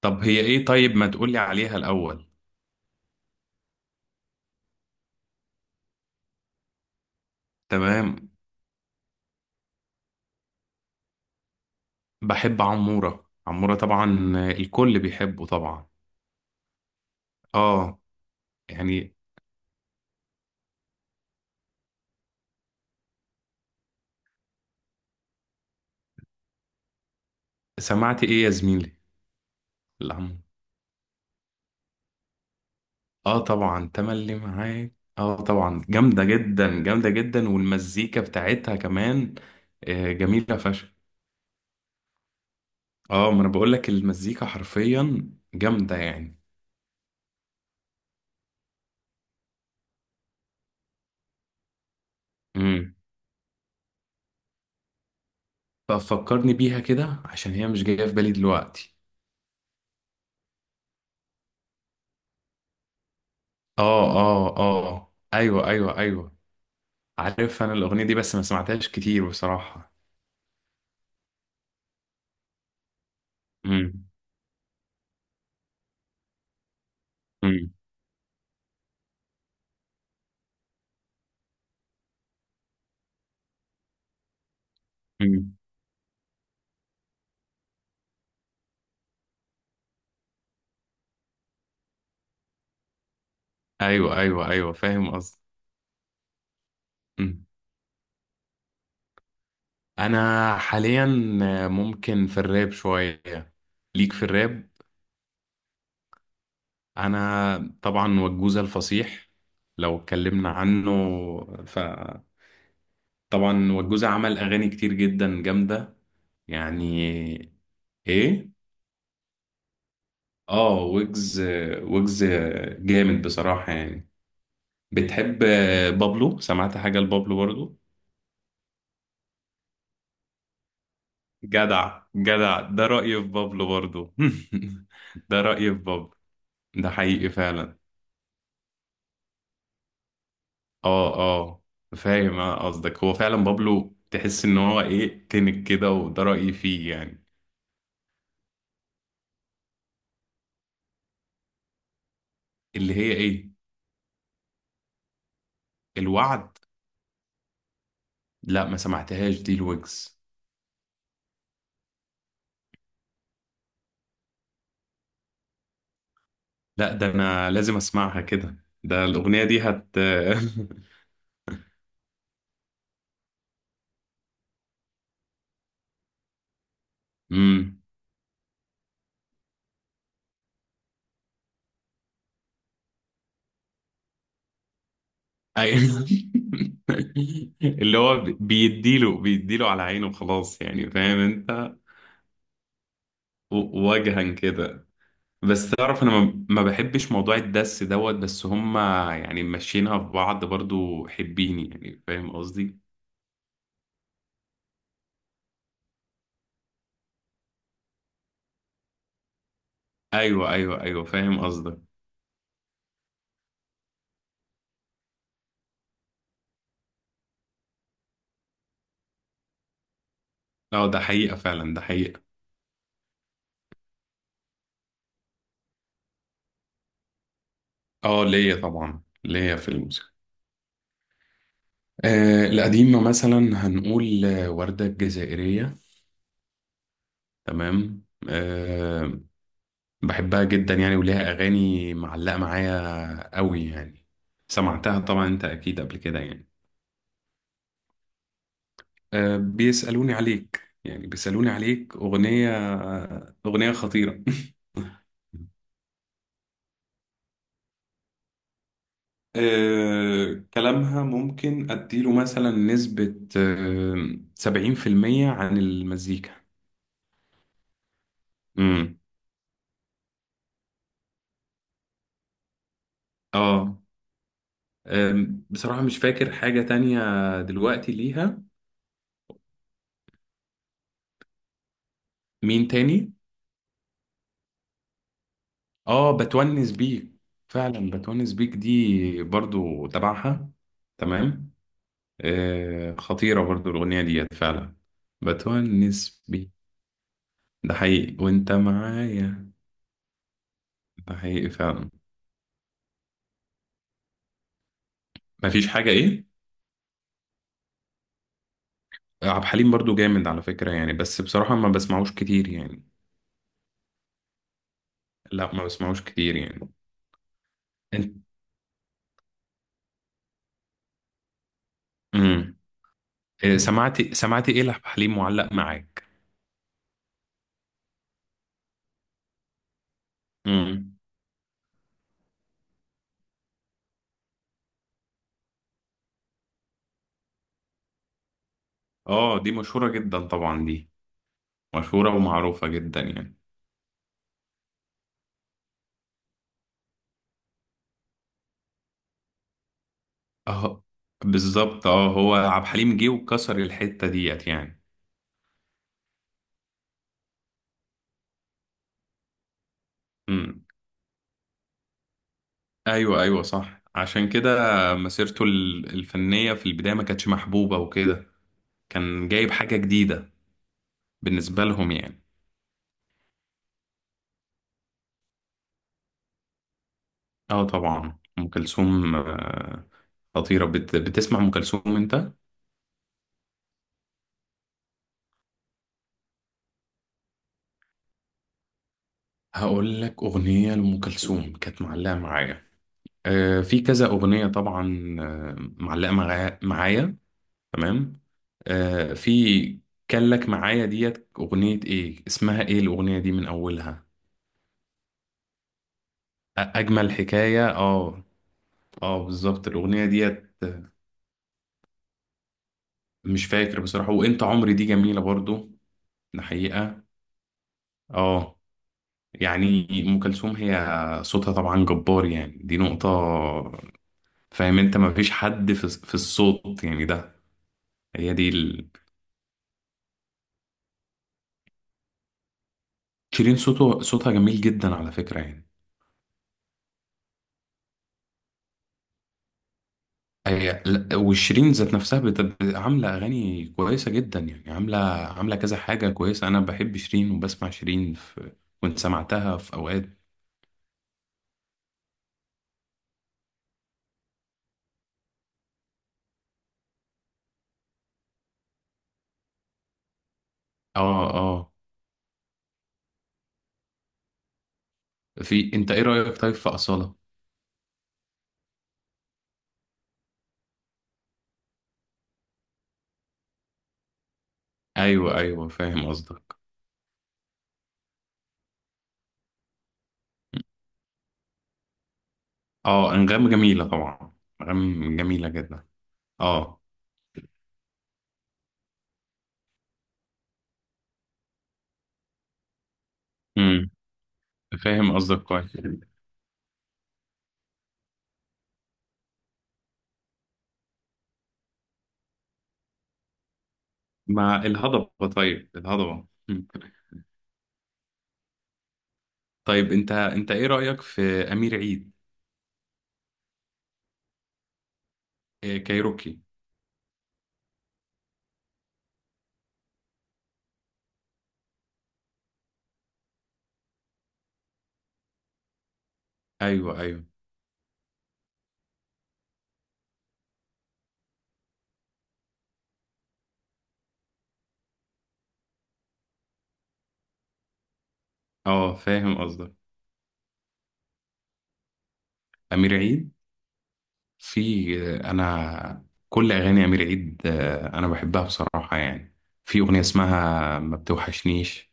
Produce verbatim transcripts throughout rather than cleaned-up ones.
طب هي ايه طيب ما تقولي عليها الأول؟ تمام. بحب عمورة عمورة طبعا، آه، الكل بيحبه طبعا. اه، يعني سمعت ايه يا زميلي؟ العم اه طبعا تملي معاك. اه طبعا جامدة جدا جامدة جدا، والمزيكا بتاعتها كمان. آه، جميلة فشخ. اه، ما انا بقول لك المزيكا حرفيا جامدة يعني. امم ففكرني بيها كده عشان هي مش جاية في بالي دلوقتي. اه اه اه، ايوه ايوه ايوه. عارف انا الاغنيه دي بس ما سمعتهاش كتير بصراحه. امم امم امم، ايوه ايوه ايوه، فاهم قصدي. أمم. انا حاليا ممكن في الراب شويه. ليك في الراب. انا طبعا وجوزة الفصيح، لو اتكلمنا عنه فطبعا وجوزة عمل اغاني كتير جدا جامده يعني. ايه. اه، ويجز ويجز جامد بصراحه يعني. بتحب بابلو؟ سمعت حاجه لبابلو برضو؟ جدع جدع، ده رأيي في بابلو برضو. ده رأيي في بابلو. ده حقيقي فعلا. اه اه. فاهم أنا قصدك، هو فعلا بابلو تحس ان هو ايه تنك كده، وده رأيي فيه يعني. اللي هي ايه؟ الوعد. لا ما سمعتهاش دي الويجز. لا، ده انا لازم اسمعها كده، ده الأغنية دي هت. امم. أي- اللي هو بيديله بيديله على عينه خلاص يعني، فاهم انت. و- وجها كده. بس تعرف انا ما ما بحبش موضوع الدس دوت بس هما، يعني ماشيينها في بعض برضو حبيني، يعني فاهم قصدي. ايوه ايوه ايوه، فاهم قصدك. اه، ده حقيقة فعلا، ده حقيقة. اه، ليا طبعا، ليا في الموسيقى. آه، القديمة مثلا هنقول آه، وردة الجزائرية. تمام، آه. بحبها جدا يعني، وليها اغاني معلقة معايا قوي يعني. سمعتها طبعا انت اكيد قبل كده يعني. آه، بيسألوني عليك، يعني بيسألوني عليك أغنية. أغنية خطيرة. آه، كلامها ممكن أديله مثلا نسبة آه، سبعين في المية عن المزيكا. امم. اه، آم، بصراحة مش فاكر حاجة تانية دلوقتي ليها. مين تاني؟ اه، بتونس بيك، فعلا بتونس بيك دي برضو تبعها. تمام. آه، خطيرة برضو الأغنية ديت فعلا. بتونس، ده حقيقي وانت معايا. ده حقيقي فعلا. مفيش حاجة ايه. عبد الحليم برضو جامد على فكرة يعني، بس بصراحة ما بسمعوش كتير يعني. لا، ما بسمعوش كتير يعني. انت. امم. إيه، سمعتي سمعتي ايه لعبد الحليم معلق معاك؟ امم. اه، دي مشهورة جدا طبعا دي، مشهورة ومعروفة جدا يعني. اه بالظبط، اه هو عبد الحليم جه وكسر الحتة ديت يعني. امم. ايوه ايوه صح، عشان كده مسيرته ال- الفنية في البداية ما كانتش محبوبة وكده. كان جايب حاجة جديدة بالنسبة لهم يعني. اه طبعا أم كلثوم. آه، خطيرة، بت... بتسمع أم كلثوم أنت؟ هقول لك أغنية لأم كلثوم كانت معلقة معايا. آه، في كذا أغنية طبعا، آه، معلقة معايا معايا. تمام. آه، في كان لك معايا ديت، أغنية إيه اسمها، إيه الأغنية دي من أولها. أ- أجمل حكاية، اه. اه بالظبط الأغنية ديت. مش فاكر بصراحة، وأنت عمري دي جميلة برضو. ده حقيقة. اه. يعني ام كلثوم هي صوتها طبعا جبار يعني، دي نقطه. فاهم انت؟ ما فيش حد في في الصوت يعني ده. هي دي ال... شيرين صوته صوتها جميل جدا على فكره يعني. هي لا، وشيرين ذات نفسها بت... بت- عامله اغاني كويسه جدا يعني، عامله، عامله كذا حاجه كويسه، انا بحب شيرين وبسمع شيرين في، كنت سمعتها في اوقات. اه اه. في انت ايه رايك طيب في اصاله؟ ايوه ايوه، فاهم قصدك. اه، انغام جميله طبعا. انغام جميله جدا. اه. امم. فاهم قصدك كويس. مع الهضبة، طيب الهضبة. مم. طيب انت انت ايه رأيك في امير عيد؟ إيه كايروكي. ايوه ايوه، اه فاهم قصدك. امير عيد. في، انا كل اغاني امير عيد آه، انا بحبها بصراحة يعني. في اغنية اسمها ما بتوحشنيش.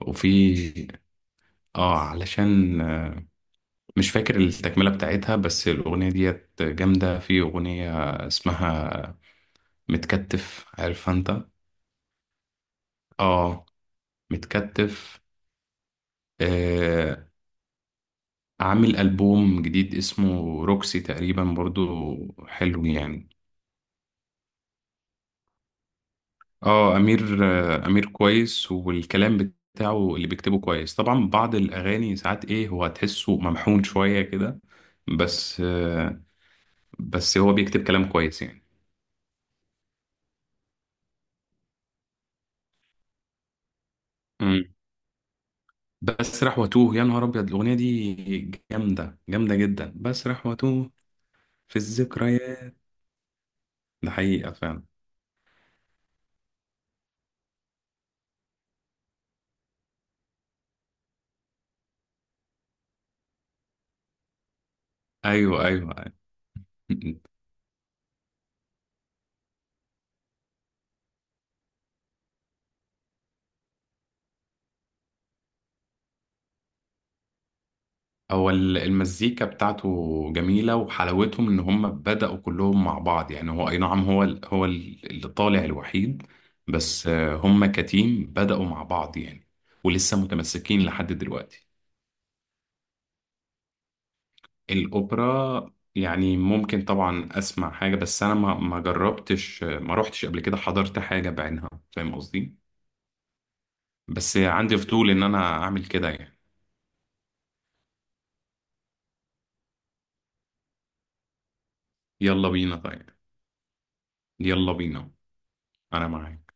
وفي، اه علشان آه، مش فاكر التكملة بتاعتها، بس الأغنية ديت جامدة. في أغنية اسمها متكتف، عارفها انت؟ اه، متكتف. آه. عامل ألبوم جديد اسمه روكسي تقريبا برضو، حلو يعني. اه، أمير، آه أمير كويس، والكلام بتاعه اللي بيكتبه كويس، طبعا بعض الأغاني ساعات ايه، هو هتحسه ممحون شوية كده. بس آه بس هو بيكتب كلام كويس يعني. مم. بسرح واتوه، يا نهار أبيض الأغنية دي جامدة، جامدة جدا، بسرح واتوه. في الذكريات. ده حقيقة فعلا. أيوه أيوه أيوة. هو ال- المزيكا بتاعته جميلة، وحلاوتهم إن هم بدأوا كلهم مع بعض يعني، هو أي نعم، هو ال- هو ال- اللي طالع الوحيد. بس آه، هم كتيم بدأوا مع بعض يعني، ولسه متمسكين لحد دلوقتي. الأوبرا يعني ممكن طبعا أسمع حاجة، بس أنا ما ما جربتش، ما روحتش قبل كده حضرت حاجة بعينها، فاهم قصدي. بس عندي فضول إن أنا أعمل كده يعني. يلا بينا طيب. يلا بينا. أنا معاك.